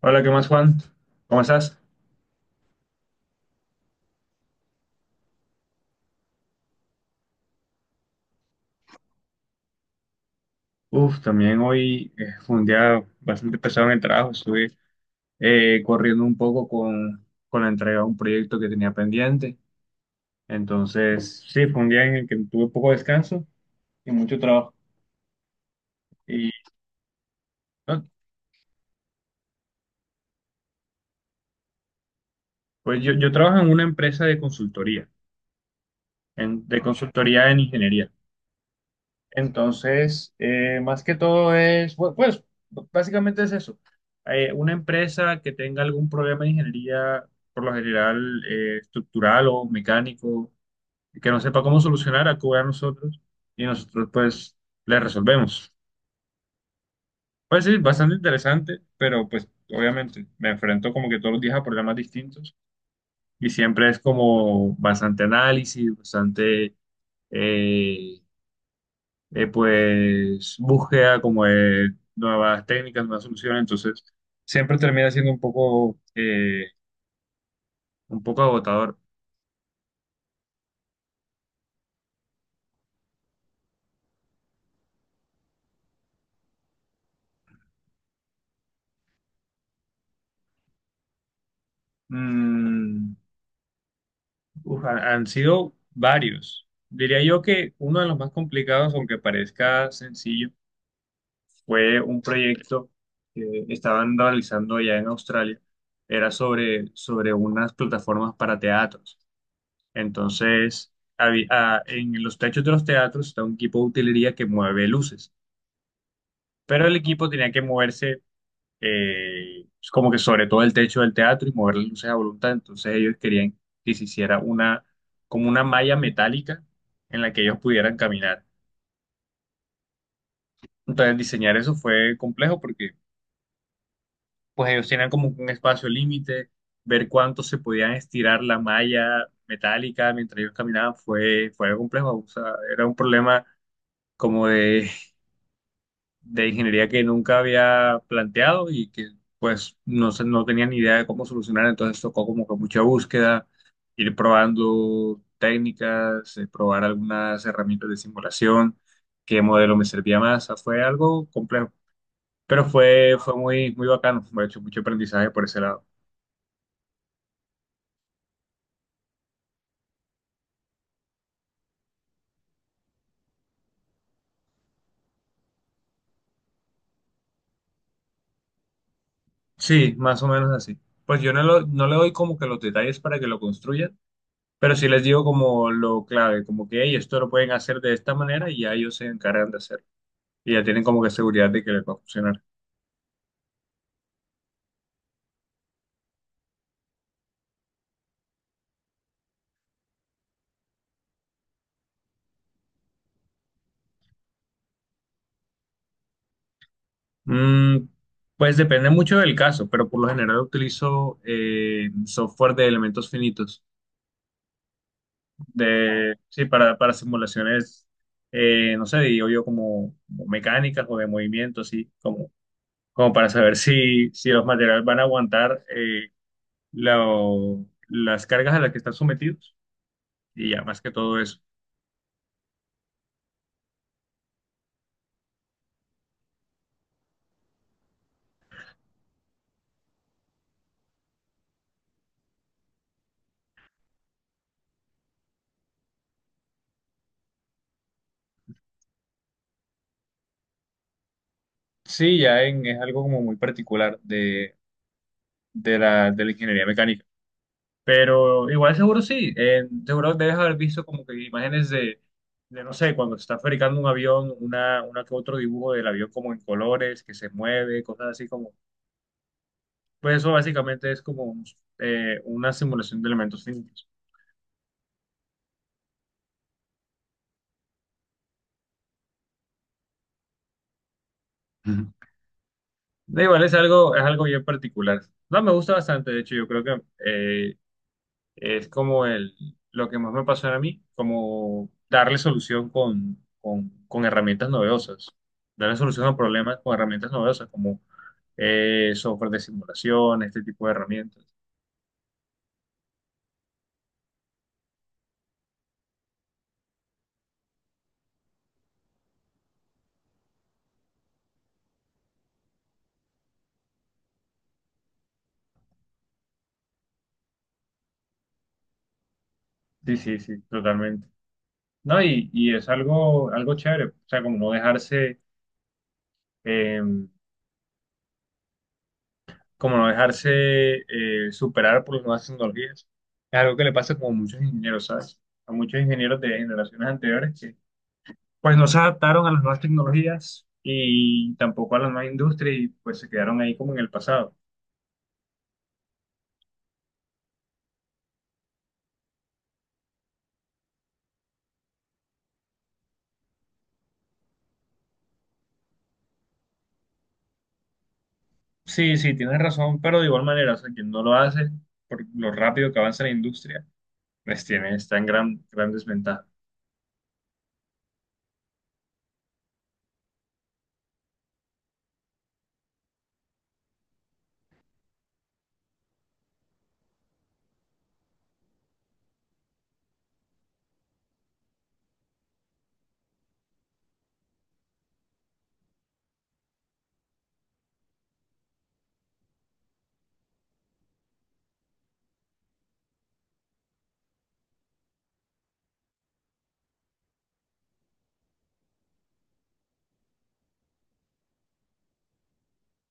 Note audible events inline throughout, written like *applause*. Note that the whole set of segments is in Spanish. Hola, ¿qué más, Juan? ¿Cómo estás? Uf, también hoy fue un día bastante pesado en el trabajo. Estuve corriendo un poco con la entrega de un proyecto que tenía pendiente. Entonces, sí, fue un día en el que tuve poco descanso y mucho trabajo. Y no, pues yo trabajo en una empresa de consultoría, de consultoría en ingeniería. Entonces, más que todo es, pues, básicamente es eso. Una empresa que tenga algún problema de ingeniería, por lo general, estructural o mecánico, que no sepa cómo solucionar, acude a nosotros y nosotros, pues, le resolvemos. Pues sí, bastante interesante, pero pues, obviamente, me enfrento como que todos los días a problemas distintos y siempre es como bastante análisis, eh, pues búsqueda como de nuevas técnicas, nuevas soluciones, entonces siempre termina siendo un poco agotador. Mm, uf, han sido varios. Diría yo que uno de los más complicados, aunque parezca sencillo, fue un proyecto que estaban realizando allá en Australia. Era sobre unas plataformas para teatros. Entonces, ah, en los techos de los teatros está un equipo de utilería que mueve luces. Pero el equipo tenía que moverse pues, como que sobre todo el techo del teatro y mover las luces a voluntad. Entonces ellos querían que se hiciera como una malla metálica en la que ellos pudieran caminar. Entonces diseñar eso fue complejo porque pues ellos tenían como un espacio límite, ver cuánto se podían estirar la malla metálica mientras ellos caminaban fue complejo. O sea, era un problema como de ingeniería que nunca había planteado y que pues no, no tenía ni idea de cómo solucionar, entonces tocó como que mucha búsqueda, ir probando técnicas, probar algunas herramientas de simulación, qué modelo me servía más, o sea, fue algo complejo, pero fue muy, muy bacano, me he hecho mucho aprendizaje por ese lado. Sí, más o menos así. Pues yo no, no le doy como que los detalles para que lo construyan, pero sí les digo como lo clave, como que "Hey, esto lo pueden hacer de esta manera" y ya ellos se encargan de hacerlo y ya tienen como que seguridad de que les va a funcionar. Mm, pues depende mucho del caso, pero por lo general utilizo software de elementos finitos, de, sí, para simulaciones, no sé, digo yo como, como mecánicas o de movimiento, así, como, como para saber si los materiales van a aguantar las cargas a las que están sometidos y ya más que todo eso. Sí, es algo como muy particular de de la ingeniería mecánica. Pero igual seguro sí, seguro debes haber visto como que imágenes de no sé, cuando se está fabricando un avión, una que otro dibujo del avión como en colores, que se mueve, cosas así como, pues eso básicamente es como una simulación de elementos físicos. Ujú. Da igual, es algo bien particular. No, me gusta bastante, de hecho, yo creo que es como el, lo que más me pasó a mí, como darle solución con herramientas novedosas, darle solución a problemas con herramientas novedosas, como software de simulación, este tipo de herramientas. Sí, sí, sí, totalmente. No, y es algo, algo chévere, o sea, eh, como no dejarse superar por las nuevas tecnologías. Es algo que le pasa como a muchos ingenieros, ¿sabes? A muchos ingenieros de generaciones anteriores que pues no se adaptaron a las nuevas tecnologías y tampoco a la nueva industria y pues se quedaron ahí como en el pasado. Sí, sí, tienes razón, pero de igual manera, o sea, quien no lo hace por lo rápido que avanza la industria pues tiene, está en gran desventaja.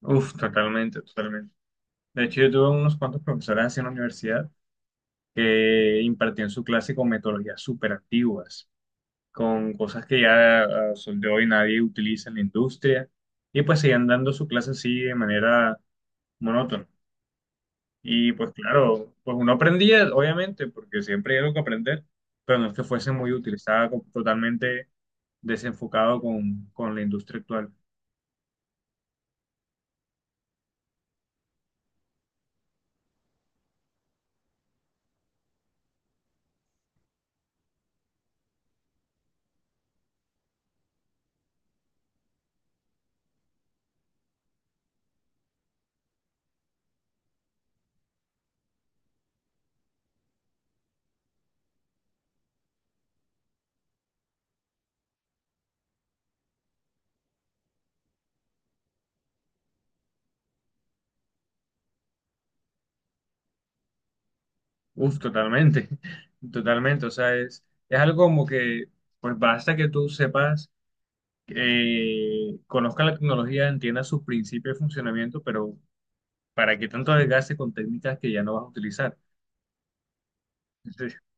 Uf, totalmente, totalmente. De hecho, yo tuve unos cuantos profesores así en la universidad que impartían su clase con metodologías súper antiguas, con cosas que ya a sol de hoy nadie utiliza en la industria, y pues seguían dando su clase así de manera monótona. Y pues claro, pues uno aprendía, obviamente, porque siempre hay algo que aprender, pero no es que fuese muy útil utilizada totalmente desenfocado con la industria actual. Uf, totalmente, *laughs* totalmente. O sea, es algo como que, pues basta que tú sepas, conozcas la tecnología, entiendas sus principios de funcionamiento, pero ¿para qué tanto desgaste con técnicas que ya no vas a utilizar? *laughs* Sí,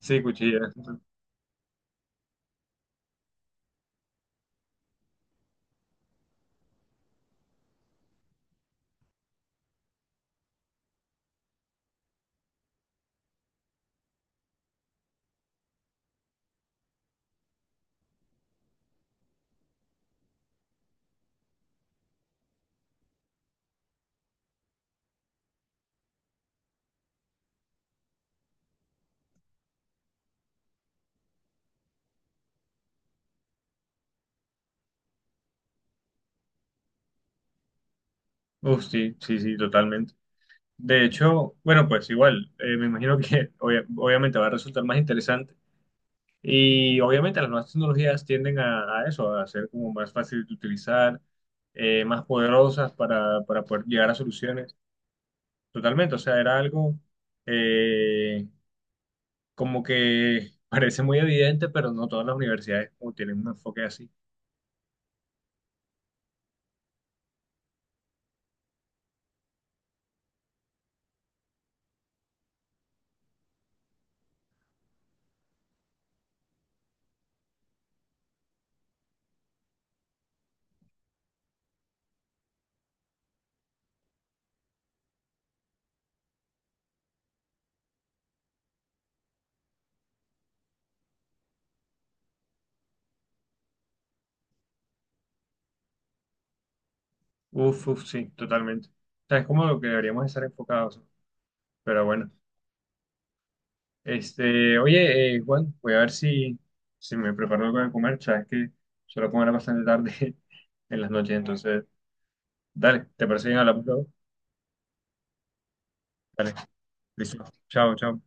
sí, cuchillas. Uf, sí, sí, sí, totalmente. De hecho, bueno, pues igual, me imagino que *laughs* obviamente va a resultar más interesante. Y obviamente las nuevas tecnologías tienden a eso, a ser como más fácil de utilizar, más poderosas para poder llegar a soluciones. Totalmente, o sea, era algo eh, como que *laughs* parece muy evidente, pero no todas las universidades como tienen un enfoque así. Uf, uf, sí, totalmente. O sea, es como lo que deberíamos estar enfocados. Pero bueno, este, oye, Juan, voy a ver si me preparo algo de comer, sabes que suelo comer bastante tarde *laughs* en las noches, entonces... Dale, ¿te parece bien? Hablamos luego. Dale, listo. Chao, chao.